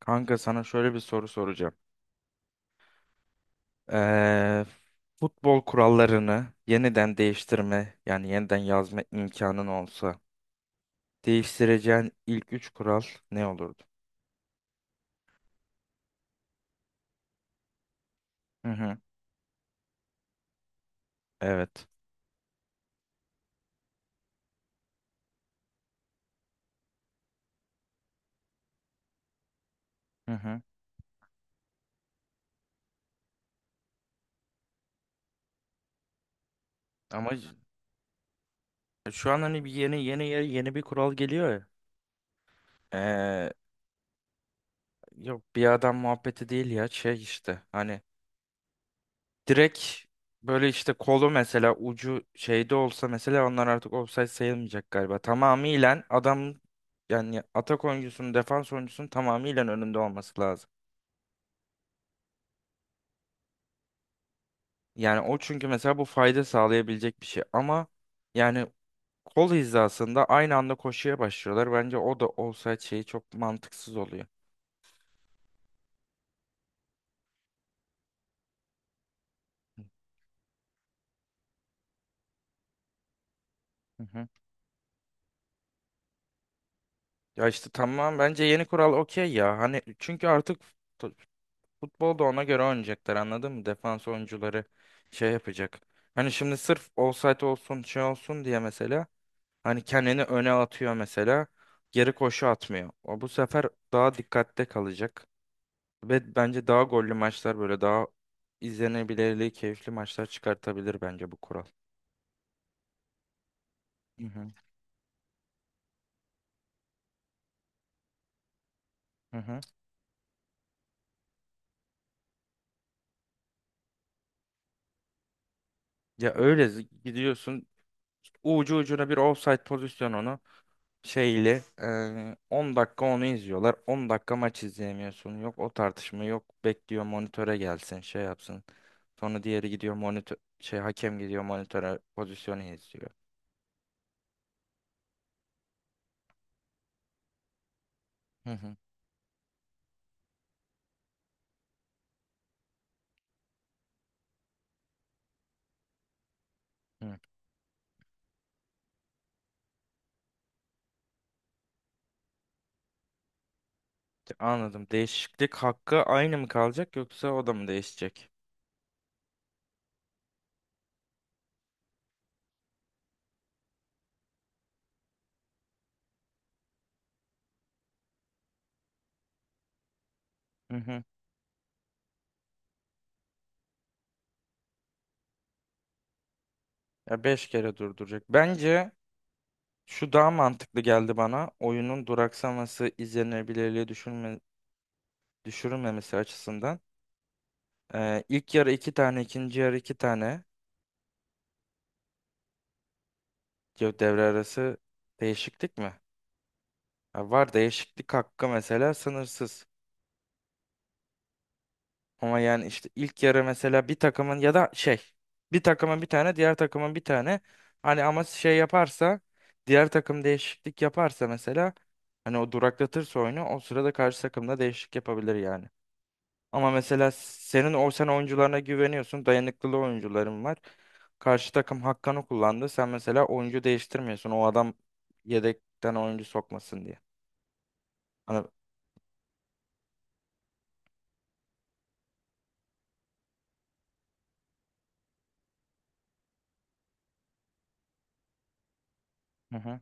Kanka sana şöyle bir soru soracağım. Ee, Futbol kurallarını yeniden değiştirme, yani yeniden yazma imkanın olsa, değiştireceğin ilk üç kural ne olurdu? Hı hı. Evet. Hı hı. Ama şu an hani bir yeni bir kural geliyor ya. Ee, Yok, bir adam muhabbeti değil ya, şey işte hani direkt böyle işte kolu mesela ucu şeyde olsa mesela onlar artık ofsayt sayılmayacak galiba. Tamamıyla adam, yani atak oyuncusunun defans oyuncusunun tamamıyla önünde olması lazım. Yani o çünkü mesela bu fayda sağlayabilecek bir şey ama yani kol hizasında aynı anda koşuya başlıyorlar. Bence o da olsaydı şeyi çok mantıksız oluyor. Hı hı. Ya işte tamam, bence yeni kural okey ya. Hani çünkü artık futbolda ona göre oynayacaklar anladın mı? Defans oyuncuları şey yapacak. Hani şimdi sırf offside olsun şey olsun diye mesela hani kendini öne atıyor mesela geri koşu atmıyor. O bu sefer daha dikkatte kalacak ve bence daha gollü maçlar, böyle daha izlenebilirliği keyifli maçlar çıkartabilir bence bu kural. Hı hı, hı hı. Gidiyorsun ucu ucuna bir offside pozisyonunu şeyli 10 dakika onu izliyorlar. 10 dakika maç izleyemiyorsun. Yok o tartışma yok. Bekliyor monitöre gelsin şey yapsın. Sonra diğeri gidiyor monitör şey hakem gidiyor monitöre pozisyonu izliyor. Hı hı. Hı. Anladım. Değişiklik hakkı aynı mı kalacak yoksa o da mı değişecek? Hı hı. Ya 5 kere durduracak. Bence şu daha mantıklı geldi bana. Oyunun duraksaması, izlenebilirliği düşürme, düşürülmemesi açısından. İlk yarı iki tane, ikinci yarı iki tane. Yo, devre arası değişiklik mi? Ha, var değişiklik hakkı mesela sınırsız. Ama yani işte ilk yarı mesela bir takımın ya da şey bir takımın bir tane, diğer takımın bir tane, hani ama şey yaparsa diğer takım değişiklik yaparsa mesela hani o duraklatırsa oyunu, o sırada karşı takım da değişiklik yapabilir yani. Ama mesela senin o sen oyuncularına güveniyorsun, dayanıklılığı oyuncuların var. Karşı takım hakkını kullandı. Sen mesela oyuncu değiştirmiyorsun. O adam yedekten oyuncu sokmasın diye. Ana- Hı hı.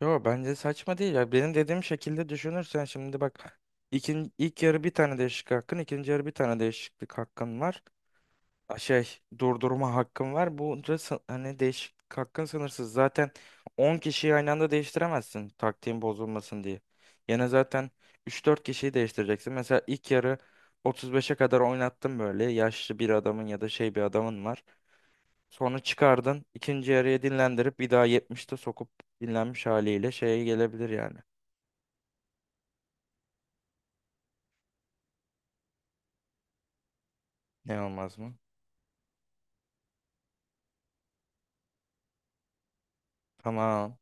Yo, bence saçma değil ya. Benim dediğim şekilde düşünürsen şimdi bak. İlk yarı bir tane değişiklik hakkın, ikinci yarı bir tane değişiklik hakkın var. A, şey durdurma hakkın var. Hani değişiklik hakkın sınırsız. Zaten 10 kişiyi aynı anda değiştiremezsin taktiğin bozulmasın diye. Yine zaten üç dört kişiyi değiştireceksin. Mesela ilk yarı 35'e kadar oynattın böyle. Yaşlı bir adamın ya da şey bir adamın var. Sonra çıkardın. İkinci yarıya dinlendirip bir daha 70'te sokup dinlenmiş haliyle şeye gelebilir yani. Ne olmaz mı? Tamam.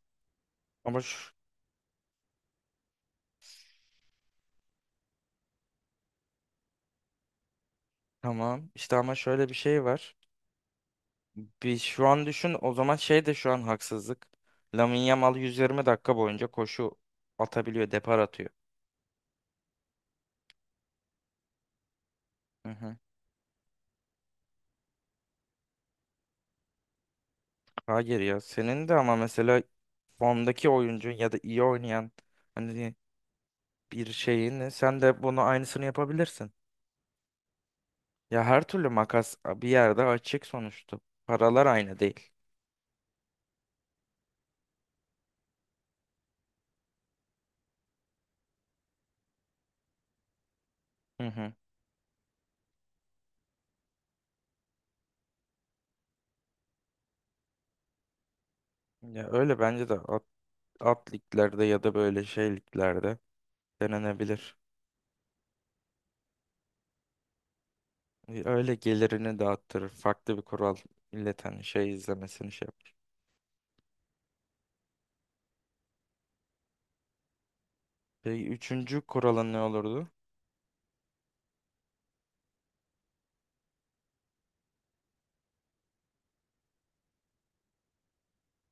Ama şu, tamam. İşte ama şöyle bir şey var. Bir şu an düşün o zaman, şey de şu an haksızlık. Lamine Yamal 120 dakika boyunca koşu atabiliyor, depar atıyor. Hı hı. Hayır ya. Senin de ama mesela formdaki oyuncu ya da iyi oynayan hani bir şeyin, sen de bunu aynısını yapabilirsin. Ya her türlü makas bir yerde açık sonuçta. Paralar aynı değil. Hı hı. Ya öyle bence de at liglerde ya da böyle şey liglerde denenebilir. Öyle gelirini dağıttırır. Farklı bir kural milletin hani şey izlemesini şey yapar. Peki üçüncü kuralın ne olurdu?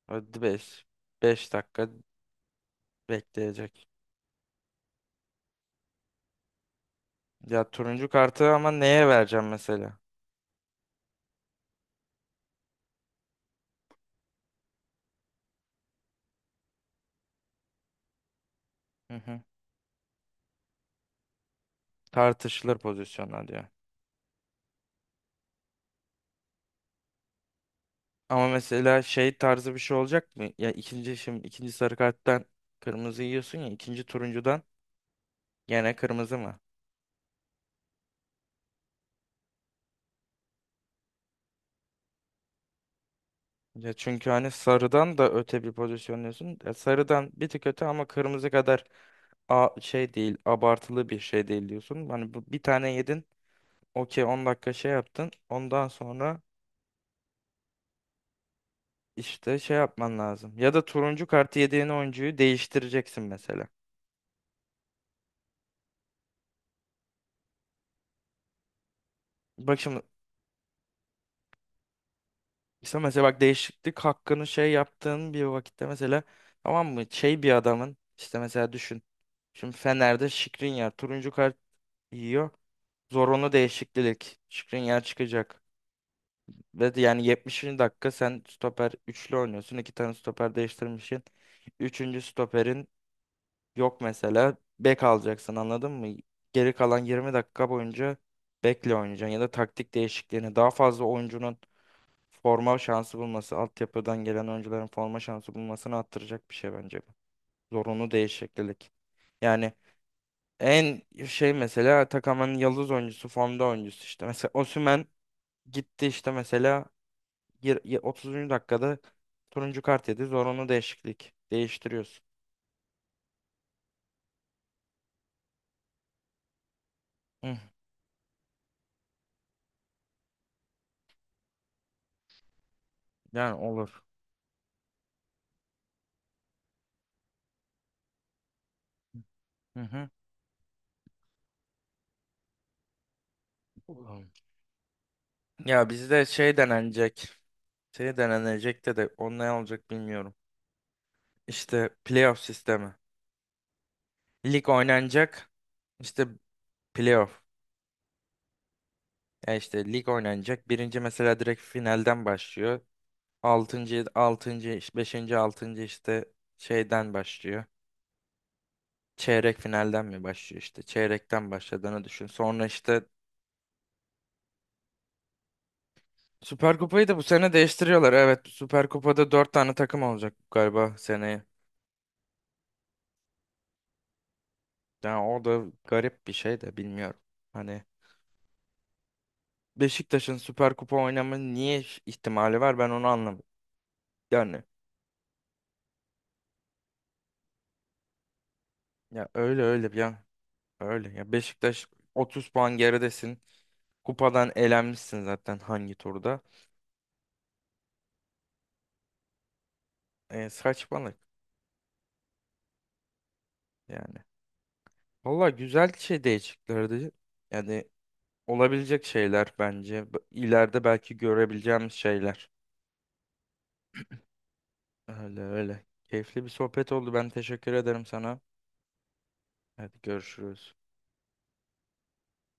Hadi beş. 5 dakika bekleyecek. Ya turuncu kartı ama neye vereceğim mesela? Hı hı. Tartışılır pozisyonlar diyor. Ama mesela şey tarzı bir şey olacak mı? Ya ikinci şimdi ikinci sarı karttan kırmızı yiyorsun ya ikinci turuncudan gene kırmızı mı? Ya çünkü hani sarıdan da öte bir pozisyonluyorsun. Ya sarıdan bir tık öte ama kırmızı kadar a şey değil, abartılı bir şey değil diyorsun. Hani bu bir tane yedin. Okey 10 dakika şey yaptın. Ondan sonra işte şey yapman lazım. Ya da turuncu kartı yediğin oyuncuyu değiştireceksin mesela. Bak şimdi, İşte mesela bak, değişiklik hakkını şey yaptığın bir vakitte mesela tamam mı, şey bir adamın işte mesela düşün. Şimdi Fener'de Skriniar turuncu kart yiyor. Zorunlu değişiklik. Skriniar çıkacak. Ve de yani 70. dakika sen stoper üçlü oynuyorsun. İki tane stoper değiştirmişsin. Üçüncü stoperin yok mesela. Bek alacaksın anladın mı? Geri kalan 20 dakika boyunca bekle oynayacaksın ya da taktik değişikliğini, daha fazla oyuncunun forma şansı bulması, altyapıdan gelen oyuncuların forma şansı bulmasını arttıracak bir şey bence bu. Zorunlu değişiklik. Yani en şey mesela Atakan'ın yıldız oyuncusu, formda oyuncusu işte. Mesela Osimhen gitti işte mesela 30. dakikada turuncu kart yedi. Zorunlu değişiklik. Değiştiriyorsun. Hı, yani olur. Hı hı. Olur. Ya bizde şey denenecek. Şey denenecek de o ne olacak bilmiyorum. İşte playoff sistemi. Lig oynanacak. İşte playoff. Ya işte lig oynanacak. Birinci mesela direkt finalden başlıyor. Altıncı, altıncı, beşinci, altıncı işte şeyden başlıyor. Çeyrek finalden mi başlıyor işte. Çeyrekten başladığını düşün. Sonra işte Süper Kupa'yı da bu sene değiştiriyorlar. Evet, Süper Kupa'da dört tane takım olacak galiba seneye. Yani o da garip bir şey de bilmiyorum. Hani Beşiktaş'ın Süper Kupa oynama niye ihtimali var, ben onu anlamadım. Yani ya öyle öyle bir ya. Öyle ya, Beşiktaş 30 puan geridesin. Kupadan elenmişsin zaten hangi turda. E, saçmalık yani. Valla güzel şey değişiklerdi. Yani olabilecek şeyler bence. İleride belki görebileceğimiz şeyler. Öyle öyle. Keyifli bir sohbet oldu. Ben teşekkür ederim sana. Hadi görüşürüz.